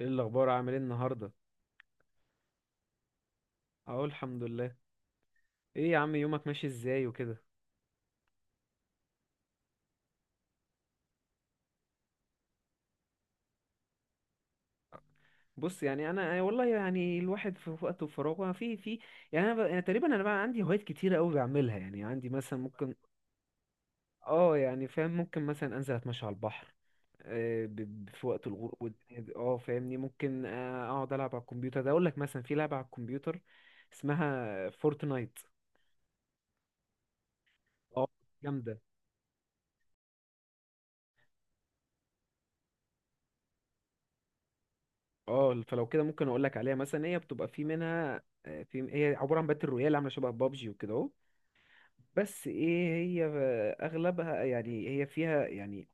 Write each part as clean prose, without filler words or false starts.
ايه الاخبار عامل ايه النهارده؟ اقول الحمد لله. ايه يا عم يومك ماشي ازاي وكده؟ بص، يعني انا والله، يعني الواحد في وقته وفراغه. في في يعني أنا تقريبا بقى عندي هوايات كتيره قوي بعملها. يعني عندي مثلا ممكن، اه يعني فاهم، ممكن مثلا انزل اتمشى على البحر، آه، ب... في وقت الغروب والدنيا دي. اه فاهمني، ممكن اقعد العب على الكمبيوتر ده. اقول لك مثلا في لعبه على الكمبيوتر اسمها فورتنايت. اه، جامده. اه فلو كده ممكن اقول لك عليها. مثلا هي بتبقى في منها، آه، في هي عباره عن باتل رويال، عامله شبه بابجي وكده اهو. بس ايه، هي اغلبها يعني، هي فيها يعني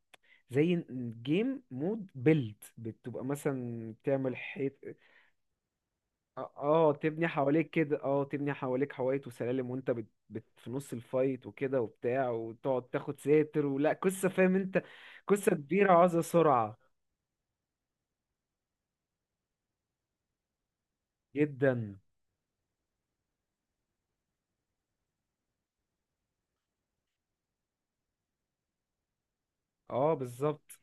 زي جيم مود بيلد. بتبقى مثلا تعمل حيط. تبني حواليك كده. اه تبني حواليك حوايط وسلالم، وانت في نص الفايت وكده وبتاع، وتقعد تاخد ساتر ولا قصه، فاهم انت؟ قصه كبيره وعايزه سرعه جدا. اه، بالظبط.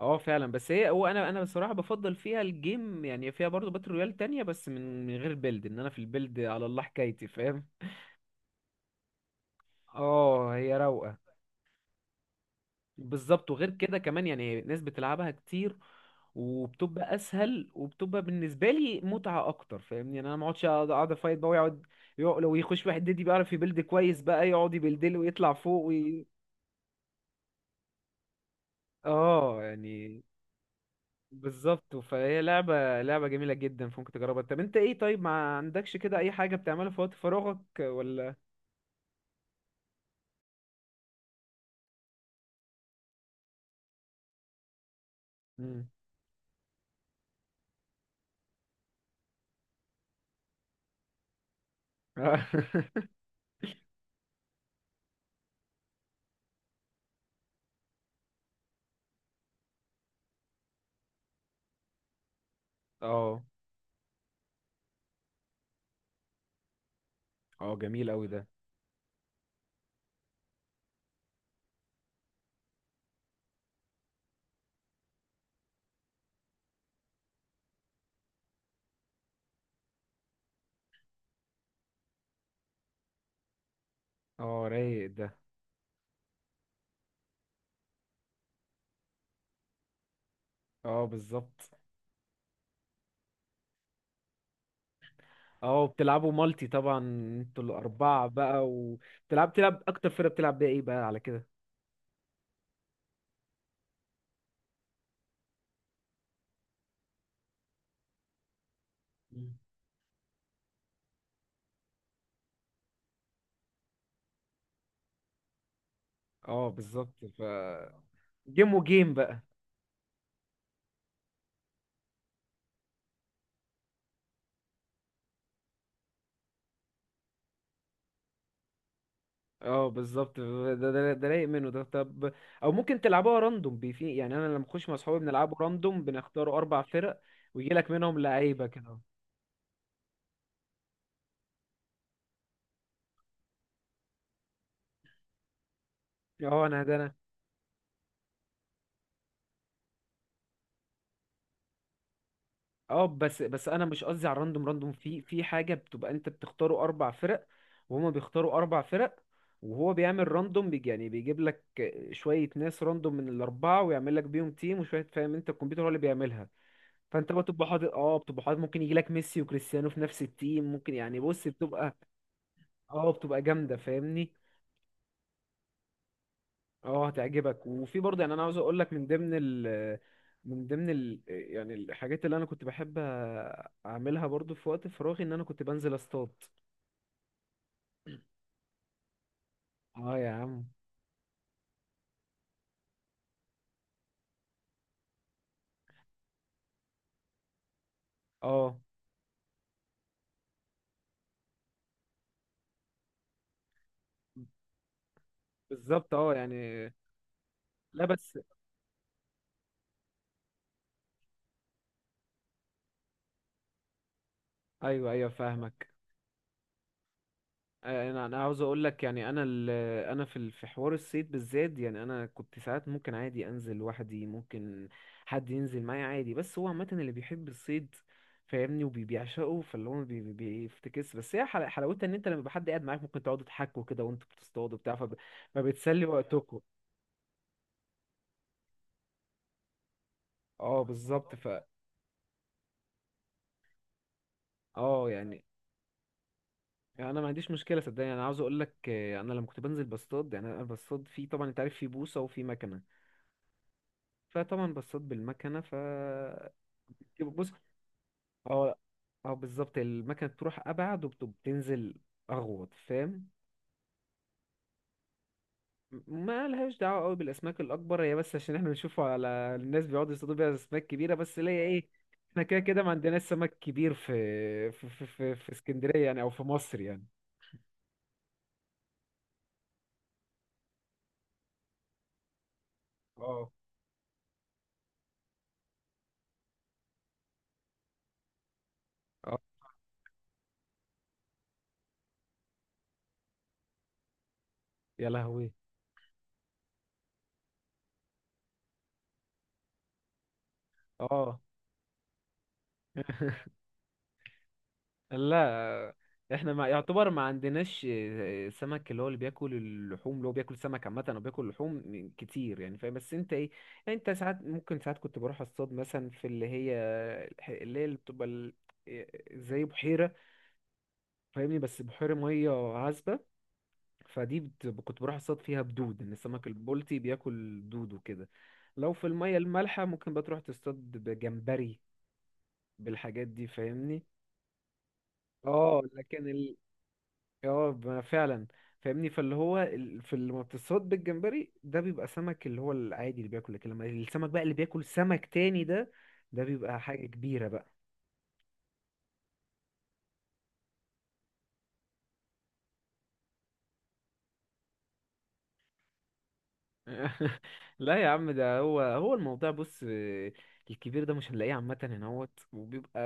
اه فعلا. بس هي هو انا انا بصراحه بفضل فيها الجيم، يعني فيها برضه باتل رويال تانية، بس من غير بيلد. ان انا في البيلد على الله حكايتي، فاهم. اه هي روقه. بالظبط، وغير كده كمان يعني ناس بتلعبها كتير، وبتبقى اسهل، وبتبقى بالنسبه لي متعه اكتر، فاهمني؟ يعني انا ما اقعدش، أقعد افايت بقى، ويقعد، لو يخش واحد ديدي بيعرف يبيلد كويس بقى، يقعد يبيلد له ويطلع فوق اه، يعني بالظبط. فهي لعبة جميلة جدا، فممكن تجربها. طب انت ايه؟ طيب ما عندكش كده اي حاجة بتعملها في وقت فراغك ولا؟ مم. اه. اه، جميل قوي ده. اه، رايق ده. اه، بالظبط. اه بتلعبوا مالتي طبعا. انتوا الأربعة بقى، وبتلعب تلعب أكتر فرقة بتلعب بيها ايه بقى على كده؟ مم. اه، بالظبط. ف جيم وجيم بقى. اه، بالظبط، ده رايق منه ده. طب او ممكن تلعبوها راندوم بي في. يعني انا لما اخش مع اصحابي بنلعبه راندوم، بنختار اربع فرق ويجي لك منهم لعيبه كده. اه انا ده انا اه بس انا مش قصدي على الراندوم راندوم. في حاجه بتبقى انت بتختاروا اربع فرق، وهما بيختاروا اربع فرق، وهو بيعمل راندوم بيجي يعني بيجيب لك شويه ناس راندوم من الاربعه، ويعمل لك بيهم تيم وشويه، فاهم انت؟ الكمبيوتر هو اللي بيعملها. فانت بقى بتبقى حاطط، ممكن يجي لك ميسي وكريستيانو في نفس التيم، ممكن. يعني بص، بتبقى جامده، فاهمني. اه هتعجبك. وفي برضه، يعني انا عاوز اقول لك، من ضمن ال يعني الحاجات اللي انا كنت بحب اعملها برضه في وقت فراغي، ان انا كنت بنزل اصطاد. اه، يا عم. اه، بالظبط. اه، يعني. لا بس. ايوه، ايوه، فاهمك. انا عاوز اقول لك، يعني انا انا في في حوار الصيد بالذات، يعني انا كنت ساعات ممكن عادي انزل لوحدي، ممكن حد ينزل معايا عادي. بس هو عامه اللي بيحب الصيد، فاهمني، وبيعشقه. فاللي هو بيفتكس. بس هي حلاوتها ان انت لما يبقى حد قاعد معاك، ممكن تقعدوا تحكوا كده وانتوا بتصطادوا بتاع، فبتسلي وقتكم. اه، بالظبط، ف اه يعني يعني انا ما عنديش مشكله، صدقني. انا عاوز اقول لك انا لما كنت بنزل بصطاد، يعني انا بصطاد في، طبعا انت عارف، في بوصه وفي مكنه، فطبعا بصطاد بالمكنه. ف بص. اه اه بالظبط، المكنة بتروح أبعد وبتنزل أغوط، فاهم. ما لهاش دعوة قوي بالأسماك الأكبر، هي بس عشان احنا بنشوفه على الناس بيقعدوا يصطادوا بيها أسماك كبيرة، بس اللي هي إيه، احنا كده كده ما عندناش سمك كبير في اسكندرية، يعني، أو في مصر يعني. اه. اه، يا لهوي. اه. لا، احنا ما يعتبر ما عندناش سمك اللي هو اللي بياكل اللحوم، اللي هو بياكل سمك عامة، او بياكل لحوم كتير يعني، فاهم. بس انت ايه؟ يعني انت ساعات، ممكن ساعات كنت بروح اصطاد مثلا في اللي هي، اللي بتبقى آه، زي بحيرة، فاهمني، بس بحيرة مية عذبة. فدي كنت بروح اصطاد فيها بدود، ان السمك البلطي بياكل دود وكده. لو في المية المالحة ممكن بتروح تصطاد بجمبري، بالحاجات دي، فاهمني. اه، لكن. اه ما فعلا، فاهمني. فاللي هو ال- في لما بتصطاد بالجمبري ده، بيبقى سمك اللي هو العادي اللي بياكل. لكن لما السمك بقى اللي بياكل سمك تاني ده بيبقى حاجة كبيرة بقى. لا يا عم، ده هو الموضوع. بص، الكبير ده مش هنلاقيه عامة هنا، هوت، وبيبقى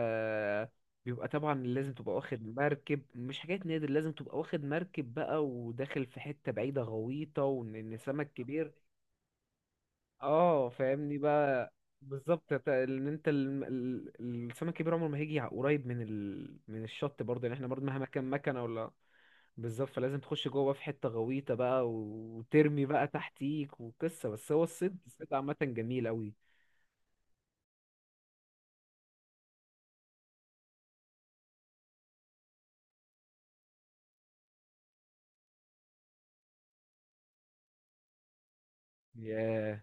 بيبقى طبعا لازم تبقى واخد مركب، مش حاجات، نادر، لازم تبقى واخد مركب بقى وداخل في حتة بعيدة غويطة، وان إن سمك كبير. اه فاهمني بقى. بالظبط، ت- ان انت ال- ال- السمك الكبير عمره ما هيجي قريب من الشط برضه، يعني احنا برضه مهما كان مكنه ولا. بالظبط، فلازم تخش جوه في حته غويطه بقى، وترمي بقى تحتيك وقصه. بس هو الصيد عامه جميل قوي.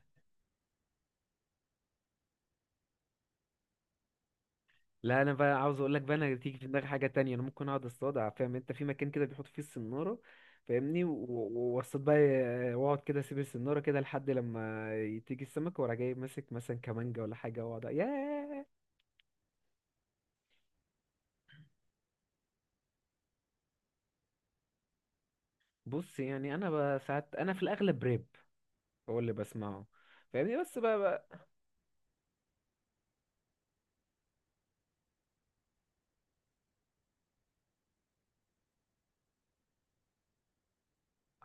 لا، انا بقى عاوز اقول لك بقى، انا تيجي في دماغي حاجه تانية. انا ممكن اقعد اصطاد، فاهم انت، في مكان كده بيحط فيه السناره، فاهمني، واصطاد بقى. واقعد كده اسيب السناره كده لحد لما تيجي السمك، وأروح جاي ماسك مثلا كمانجه ولا حاجه واقعد، ياه. بص، يعني انا بقى ساعات، انا في الاغلب راب هو اللي بسمعه، فاهمني، بس بقى.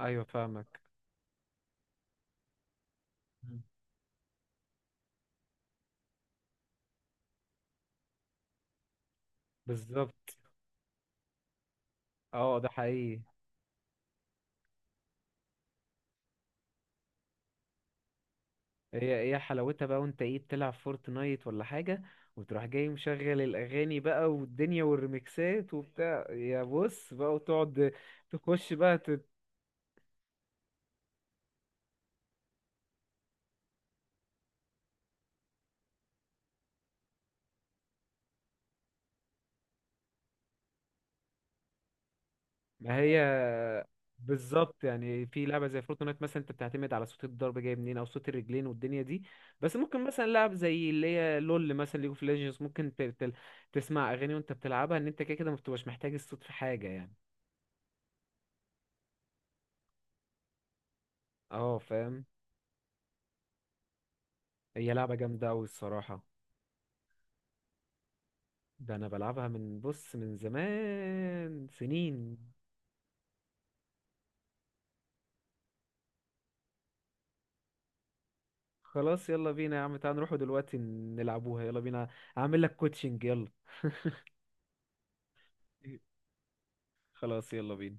ايوه، فاهمك. مم. بالظبط. اه ده حقيقي. هي حلاوتها بقى، وانت ايه بتلعب فورتنايت ولا حاجة، وتروح جاي مشغل الأغاني بقى والدنيا والريمكسات وبتاع، يا بص بقى، وتقعد تخش بقى ما هي بالظبط. يعني في لعبة زي فورتنايت مثلا، انت بتعتمد على صوت الضرب جاي منين او صوت الرجلين والدنيا دي. بس ممكن مثلا لعب زي اللي هي لول مثلا، ليج اوف ليجندز، ممكن تسمع أغاني وانت بتلعبها، ان انت كده كده ما بتبقاش محتاج الصوت في حاجة يعني. اه، فاهم. هي لعبة جامدة أوي الصراحة. ده انا بلعبها من زمان، سنين. خلاص، يلا بينا يا عم، تعال نروحوا دلوقتي نلعبوها، يلا بينا، اعمل لك كوتشنج، يلا. خلاص، يلا بينا.